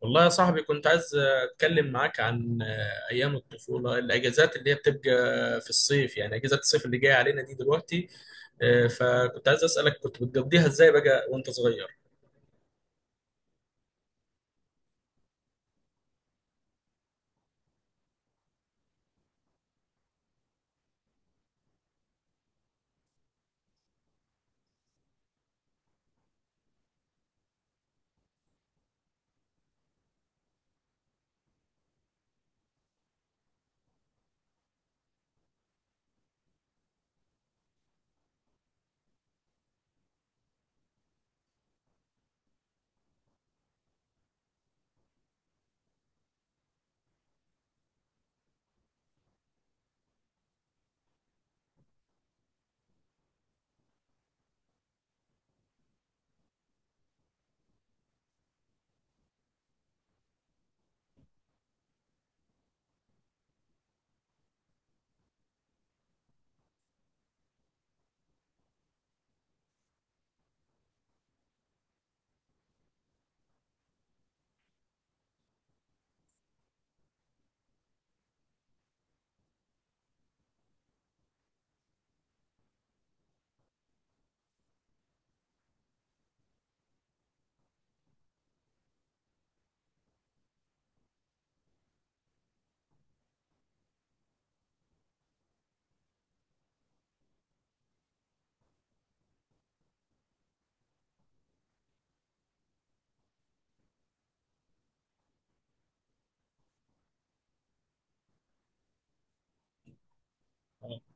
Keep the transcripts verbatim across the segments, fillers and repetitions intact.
والله يا صاحبي كنت عايز اتكلم معاك عن آه، ايام الطفوله، الاجازات اللي هي بتبقى في الصيف، يعني اجازات الصيف اللي جايه علينا دي دلوقتي. آه، فكنت عايز اسالك كنت بتقضيها ازاي بقى وانت صغير؟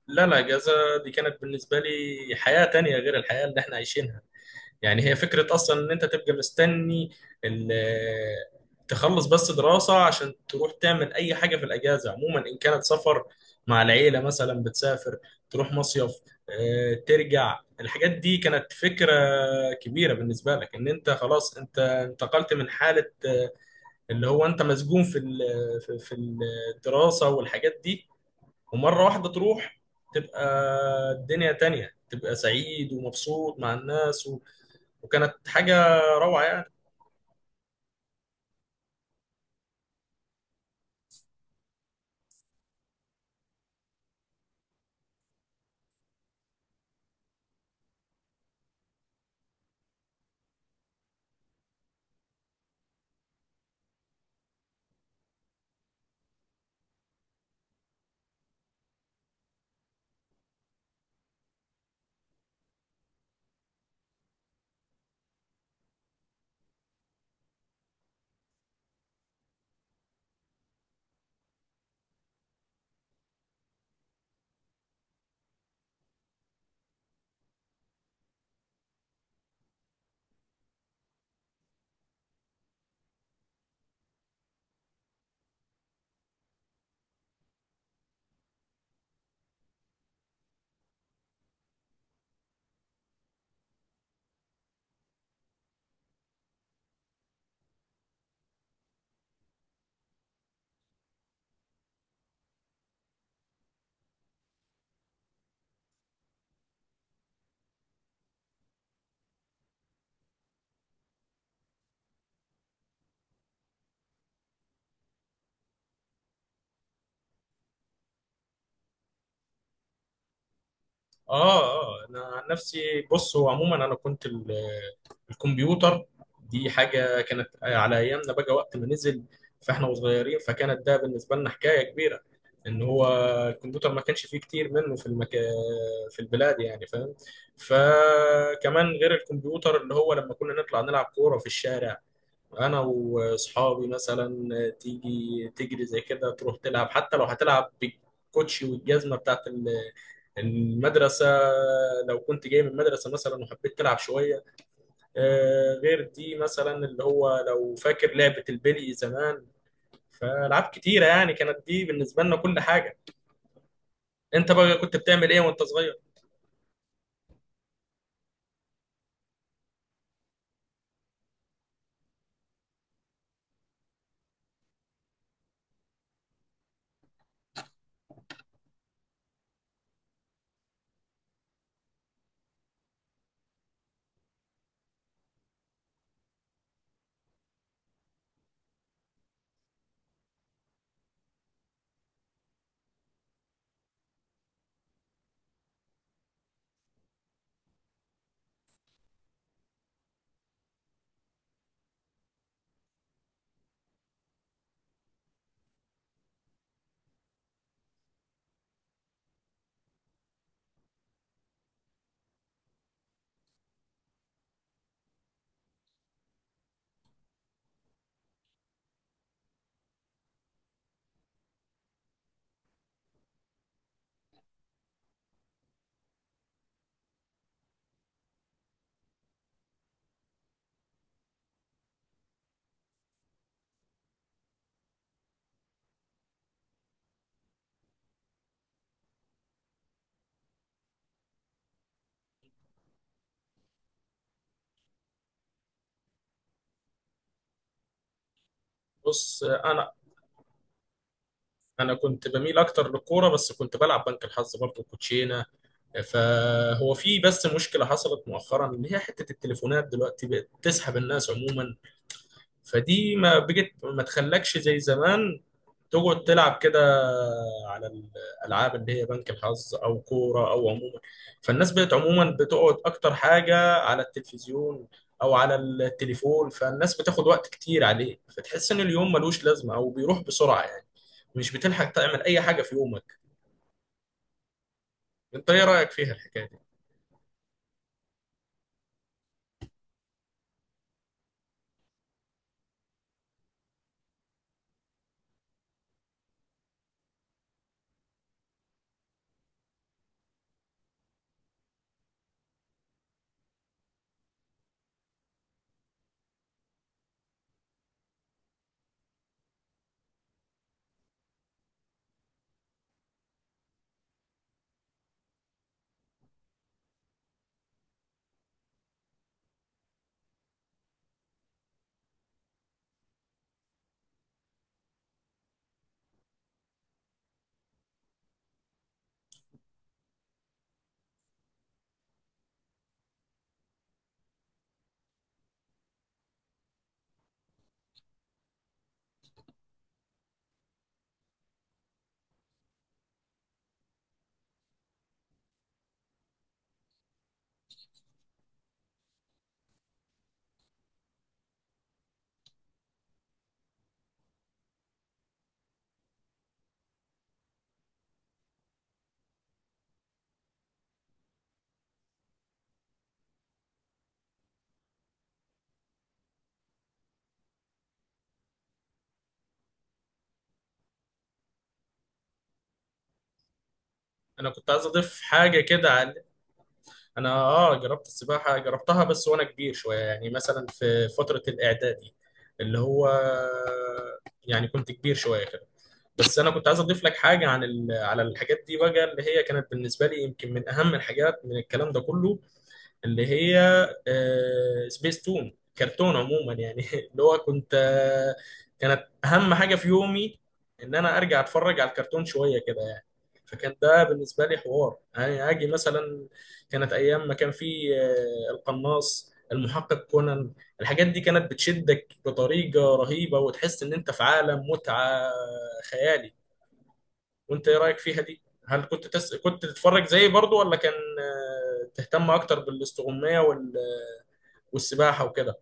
لا لا اجازه دي كانت بالنسبه لي حياه تانية غير الحياه اللي احنا عايشينها. يعني هي فكرة أصلا إن أنت تبقى مستني ال- تخلص بس دراسة عشان تروح تعمل أي حاجة في الأجازة، عموما إن كانت سفر مع العيلة مثلا، بتسافر تروح مصيف. آه، ترجع، الحاجات دي كانت فكرة كبيرة بالنسبة لك، إن أنت خلاص أنت انتقلت من حالة آه، اللي هو أنت مسجون في ال- في في الدراسة والحاجات دي، ومرة واحدة تروح تبقى الدنيا تانية، تبقى سعيد ومبسوط مع الناس. وكانت حاجة روعة يعني. اه اه انا عن نفسي بص، هو عموما انا كنت ال- الكمبيوتر دي حاجة كانت على ايامنا بقى وقت ما نزل، فاحنا وصغيرين، فكانت ده بالنسبة لنا حكاية كبيرة، ان هو الكمبيوتر ما كانش فيه كتير منه في المكا... في البلاد يعني، فاهم؟ فكمان غير الكمبيوتر، اللي هو لما كنا نطلع نلعب كورة في الشارع انا واصحابي مثلا، تيجي تجري زي كده تروح تلعب، حتى لو هتلعب بالكوتشي والجزمه بتاعت ال- المدرسه، لو كنت جاي من المدرسه مثلا وحبيت تلعب شويه. آه، غير دي مثلا، اللي هو لو فاكر لعبه البلي زمان، فالعاب كتيره يعني كانت، دي بالنسبه لنا كل حاجه. انت بقى كنت بتعمل ايه وانت صغير؟ بص انا انا كنت بميل اكتر للكوره، بس كنت بلعب بنك الحظ برضه، كوتشينه. فهو في بس مشكله حصلت مؤخرا، اللي هي حته التليفونات دلوقتي بقت تسحب الناس عموما، فدي ما بقت ما تخلكش زي زمان تقعد تلعب كده على الالعاب اللي هي بنك الحظ او كوره او عموما. فالناس بقت عموما بتقعد اكتر حاجه على التلفزيون او على التليفون، فالناس بتاخد وقت كتير عليه، فتحس ان اليوم ملوش لازمه او بيروح بسرعه يعني، مش بتلحق تعمل اي حاجه في يومك. انت ايه رايك فيها الحكايه دي؟ انا كنت عايز اضيف حاجه كده عن، انا اه جربت السباحه، جربتها بس وانا كبير شويه، يعني مثلا في فتره الاعدادي، اللي هو يعني كنت كبير شويه كده. بس انا كنت عايز اضيف لك حاجه عن ال... على الحاجات دي بقى، اللي هي كانت بالنسبه لي يمكن من اهم الحاجات من الكلام ده كله، اللي هي آه، سبيس تون، كرتون عموما يعني، اللي هو كنت، آه، كانت اهم حاجه في يومي ان انا ارجع اتفرج على الكرتون شويه كده يعني. فكان ده بالنسبه لي حوار، يعني اجي مثلا، كانت ايام ما كان في آه، القناص، المحقق كونان، الحاجات دي كانت بتشدك بطريقه رهيبه وتحس ان انت في عالم متعه خيالي. وانت ايه رايك فيها دي؟ هل كنت تس... كنت تتفرج زيي برضو، ولا كان آه، تهتم اكتر بالاستغمايه وال... والسباحه وكده؟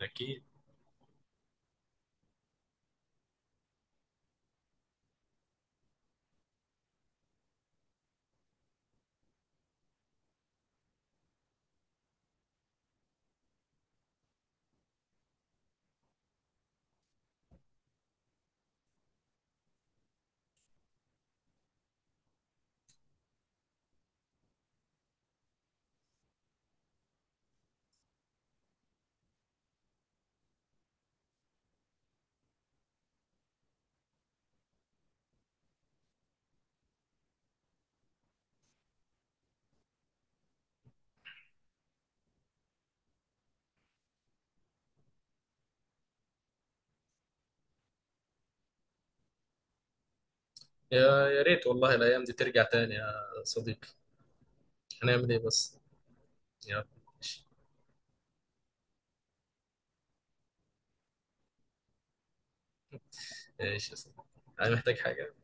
أكيد. يا يا ريت والله الأيام دي ترجع تاني يا صديقي، هنعمل إيه بس؟ يا ماشي، ماشي يا صديقي، أنا محتاج حاجة